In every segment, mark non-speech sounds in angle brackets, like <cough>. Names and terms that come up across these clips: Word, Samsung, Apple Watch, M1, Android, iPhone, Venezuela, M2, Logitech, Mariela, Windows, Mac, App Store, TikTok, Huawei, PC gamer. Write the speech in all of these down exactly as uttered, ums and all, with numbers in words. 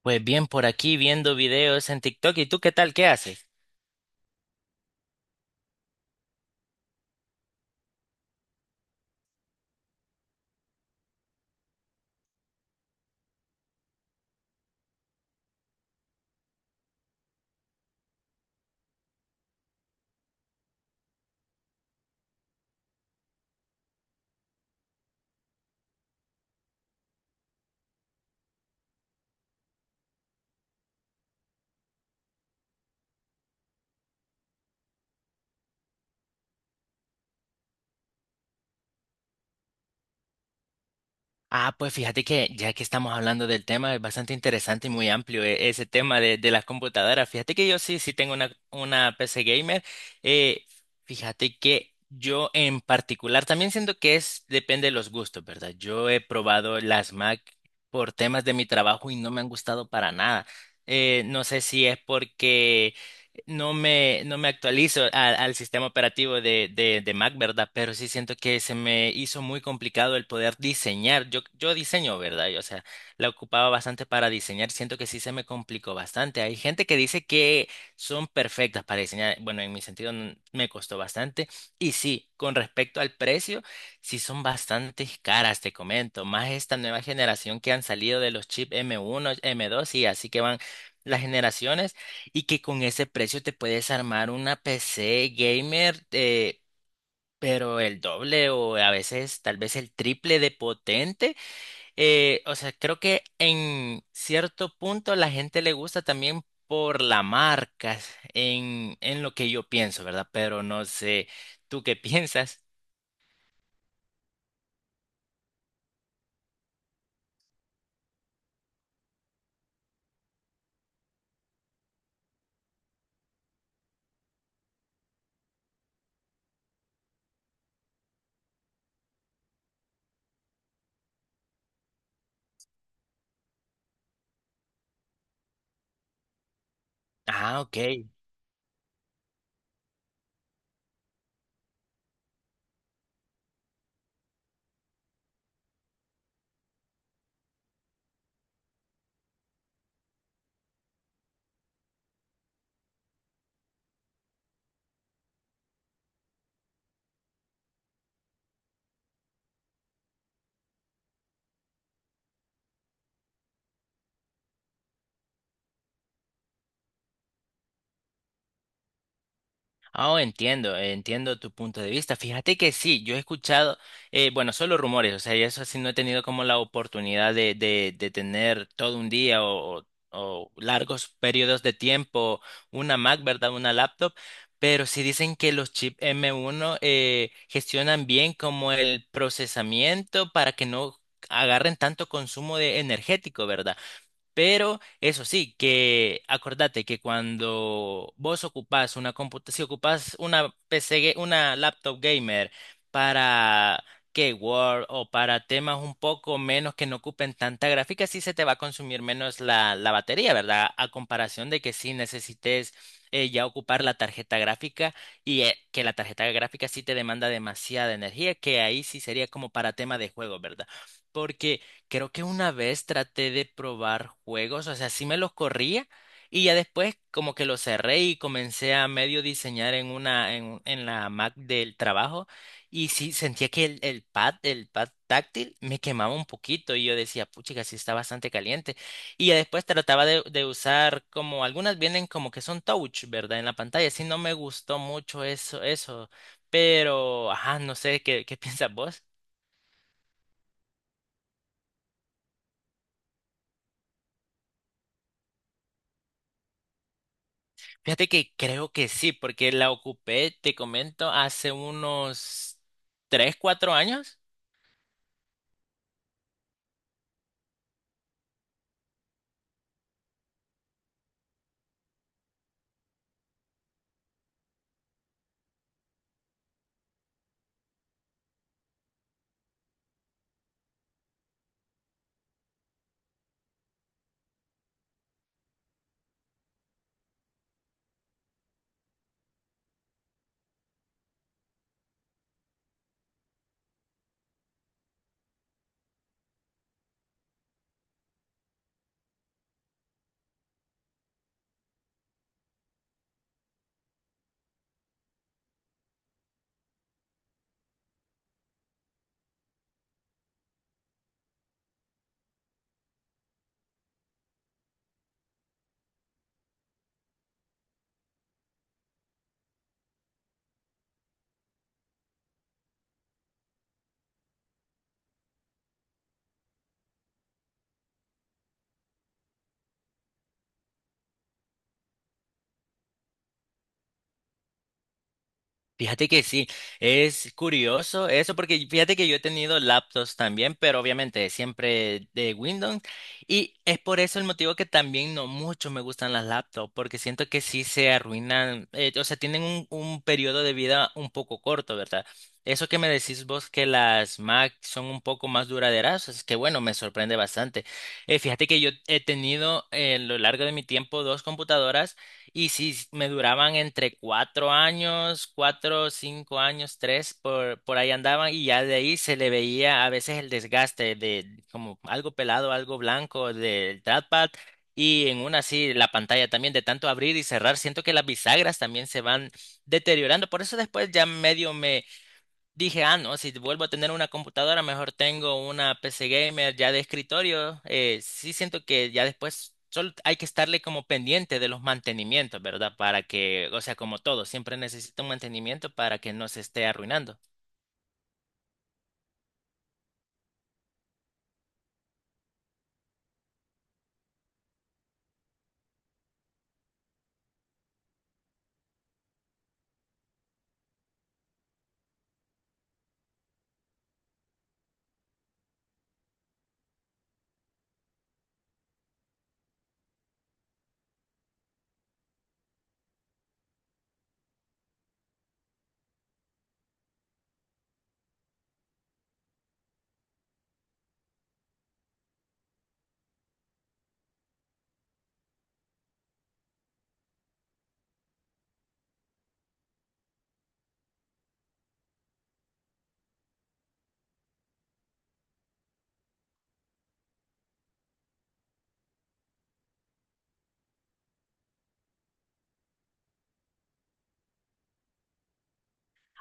Pues bien, por aquí viendo videos en TikTok. ¿Y tú qué tal? ¿Qué haces? Ah, pues fíjate que ya que estamos hablando del tema, es bastante interesante y muy amplio e- ese tema de, de las computadoras. Fíjate que yo sí, sí tengo una, una P C gamer. Eh, fíjate que yo en particular, también siento que es, depende de los gustos, ¿verdad? Yo he probado las Mac por temas de mi trabajo y no me han gustado para nada. Eh, no sé si es porque No me, no me actualizo a- al sistema operativo de, de, de Mac, ¿verdad? Pero sí siento que se me hizo muy complicado el poder diseñar. Yo, yo diseño, ¿verdad? Yo, o sea, la ocupaba bastante para diseñar. Siento que sí se me complicó bastante. Hay gente que dice que son perfectas para diseñar. Bueno, en mi sentido n- me costó bastante. Y sí, con respecto al precio, sí son bastante caras, te comento. Más esta nueva generación que han salido de los chips M uno, M dos y así que van las generaciones. Y que con ese precio te puedes armar una P C gamer, eh, pero el doble o a veces tal vez el triple de potente. Eh, o sea, creo que en cierto punto la gente le gusta también por la marca, en, en lo que yo pienso, ¿verdad? Pero no sé, ¿tú qué <laughs> piensas? Ah, ok. Oh, entiendo, eh, entiendo tu punto de vista. Fíjate que sí, yo he escuchado, eh, bueno, solo rumores, o sea, y eso sí no he tenido como la oportunidad de, de, de tener todo un día o, o- o largos periodos de tiempo una Mac, ¿verdad? Una laptop, pero sí dicen que los chips M uno eh, gestionan bien como el procesamiento para que no agarren tanto consumo de energético, ¿verdad? Pero eso sí, que acordate que cuando vos ocupás una computadora, si ocupás una P C, ga- una laptop gamer para que Word o para temas un poco menos que no ocupen tanta gráfica, sí se te va a consumir menos la, la batería, ¿verdad? A comparación de que si necesites eh, ya ocupar la tarjeta gráfica y eh, que la tarjeta gráfica sí te demanda demasiada energía, que ahí sí sería como para tema de juego, ¿verdad? Porque creo que una vez traté de probar juegos, o sea, sí me los corría y ya después como que los cerré y comencé a medio diseñar en una en, en la Mac del trabajo y sí sentía que el, el pad, el pad táctil me quemaba un poquito y yo decía, puchica, sí está bastante caliente. Y ya después trataba de, de usar como algunas vienen como que son touch, ¿verdad? En la pantalla, sí no me gustó mucho eso eso, pero ajá, no sé qué qué <laughs> piensas vos. Fíjate que creo que sí, porque la ocupé, te comento, hace unos tres cuatro años. Fíjate que sí, es curioso eso porque fíjate que yo he tenido laptops también, pero obviamente siempre de Windows y es por eso el motivo que también no mucho me gustan las laptops porque siento que sí se arruinan, eh, o sea, tienen un, un periodo de vida un poco corto, ¿verdad? Eso que me decís vos que las Mac son un poco más duraderas, es que bueno, me sorprende bastante. Eh, fíjate que yo he tenido eh, a lo largo de mi tiempo dos computadoras. Y sí, s- me duraban entre cuatro años, cuatro, cinco años, tres, por, por ahí andaban y ya de ahí se le veía a veces el desgaste de como algo pelado, algo blanco del trackpad y en una así la pantalla también de tanto abrir y cerrar, siento que las bisagras también se van deteriorando, por eso después ya medio me dije, ah, no, si vuelvo a tener una computadora, mejor tengo una P C gamer ya de escritorio. Eh, sí siento que ya después solo hay que estarle como pendiente de los mantenimientos, ¿verdad? Para que, o sea, como todo, siempre necesita un mantenimiento para que no se esté arruinando.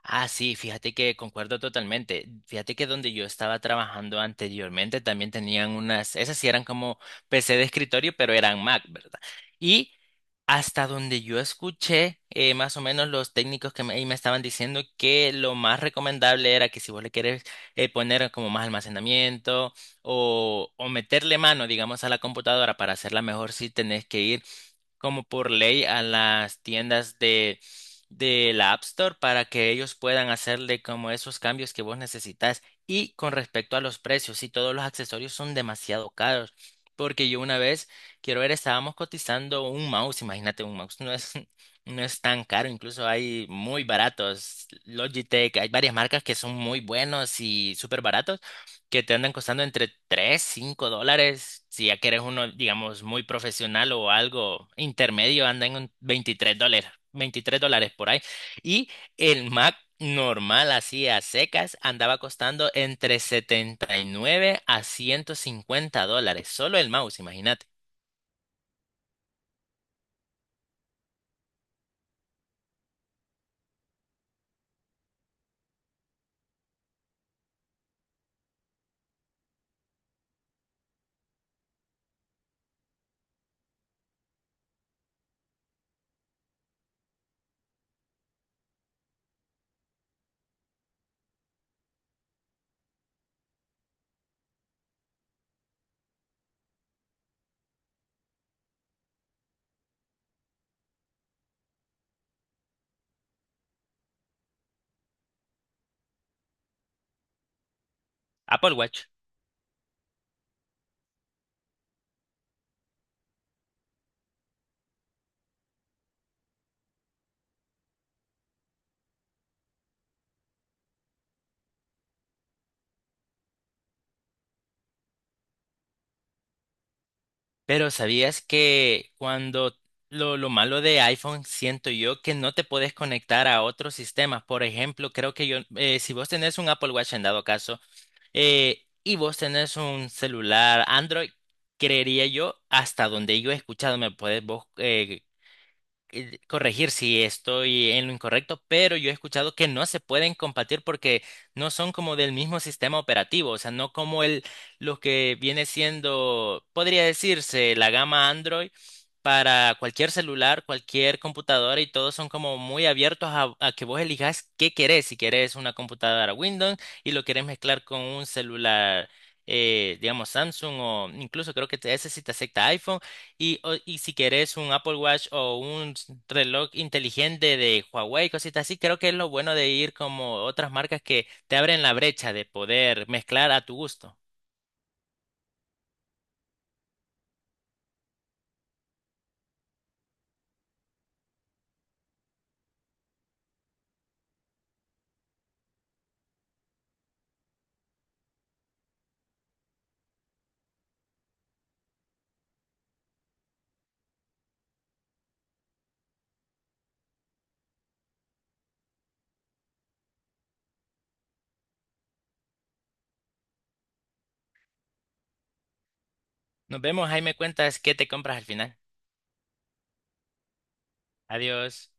Ah, sí, fíjate que concuerdo totalmente. Fíjate que donde yo estaba trabajando anteriormente también tenían unas, esas sí eran como P C de escritorio, pero eran Mac, ¿verdad? Y hasta donde yo escuché, eh, más o menos los técnicos que me, ahí me estaban diciendo que lo más recomendable era que si vos le querés eh, poner como más almacenamiento o, o meterle mano, digamos, a la computadora para hacerla mejor, sí tenés que ir como por ley a las tiendas de, de la App Store para que ellos puedan hacerle como esos cambios que vos necesitas. Y con respecto a los precios, si todos los accesorios son demasiado caros, porque yo una vez, quiero ver, estábamos cotizando un mouse, imagínate, un mouse no es, <laughs> no es tan caro, incluso hay muy baratos, Logitech, hay varias marcas que son muy buenos y súper baratos que te andan costando entre tres cinco dólares. Si ya quieres uno, digamos, muy profesional o algo intermedio, anda en un veintitrés dólares, veintitrés dólares por ahí. Y el Mac normal, así a secas, andaba costando entre setenta y nueve a ciento cincuenta dólares. Solo el mouse, imagínate. Apple Watch. Pero ¿sabías que cuando lo, lo malo de iPhone siento yo que no te puedes conectar a otros sistemas? Por ejemplo, creo que yo, eh, si vos tenés un Apple Watch en dado caso, eh, y vos tenés un celular Android, creería yo, hasta donde yo he escuchado, me puedes vos eh, eh, corregir si estoy en lo incorrecto, pero yo he escuchado que no se pueden compartir porque no son como del mismo sistema operativo, o sea, no como el lo que viene siendo, podría decirse, la gama Android para cualquier celular, cualquier computadora y todos son como muy abiertos a, a que vos elijas qué querés, si querés una computadora Windows y lo querés mezclar con un celular. eh, digamos Samsung o incluso creo que te- ese sí te acepta iPhone y, o- y si querés un Apple Watch o un reloj inteligente de Huawei, cositas así, creo que es lo bueno de ir como otras marcas que te abren la brecha de poder mezclar a tu gusto. Nos vemos, ahí me cuentas qué te compras al final. Adiós.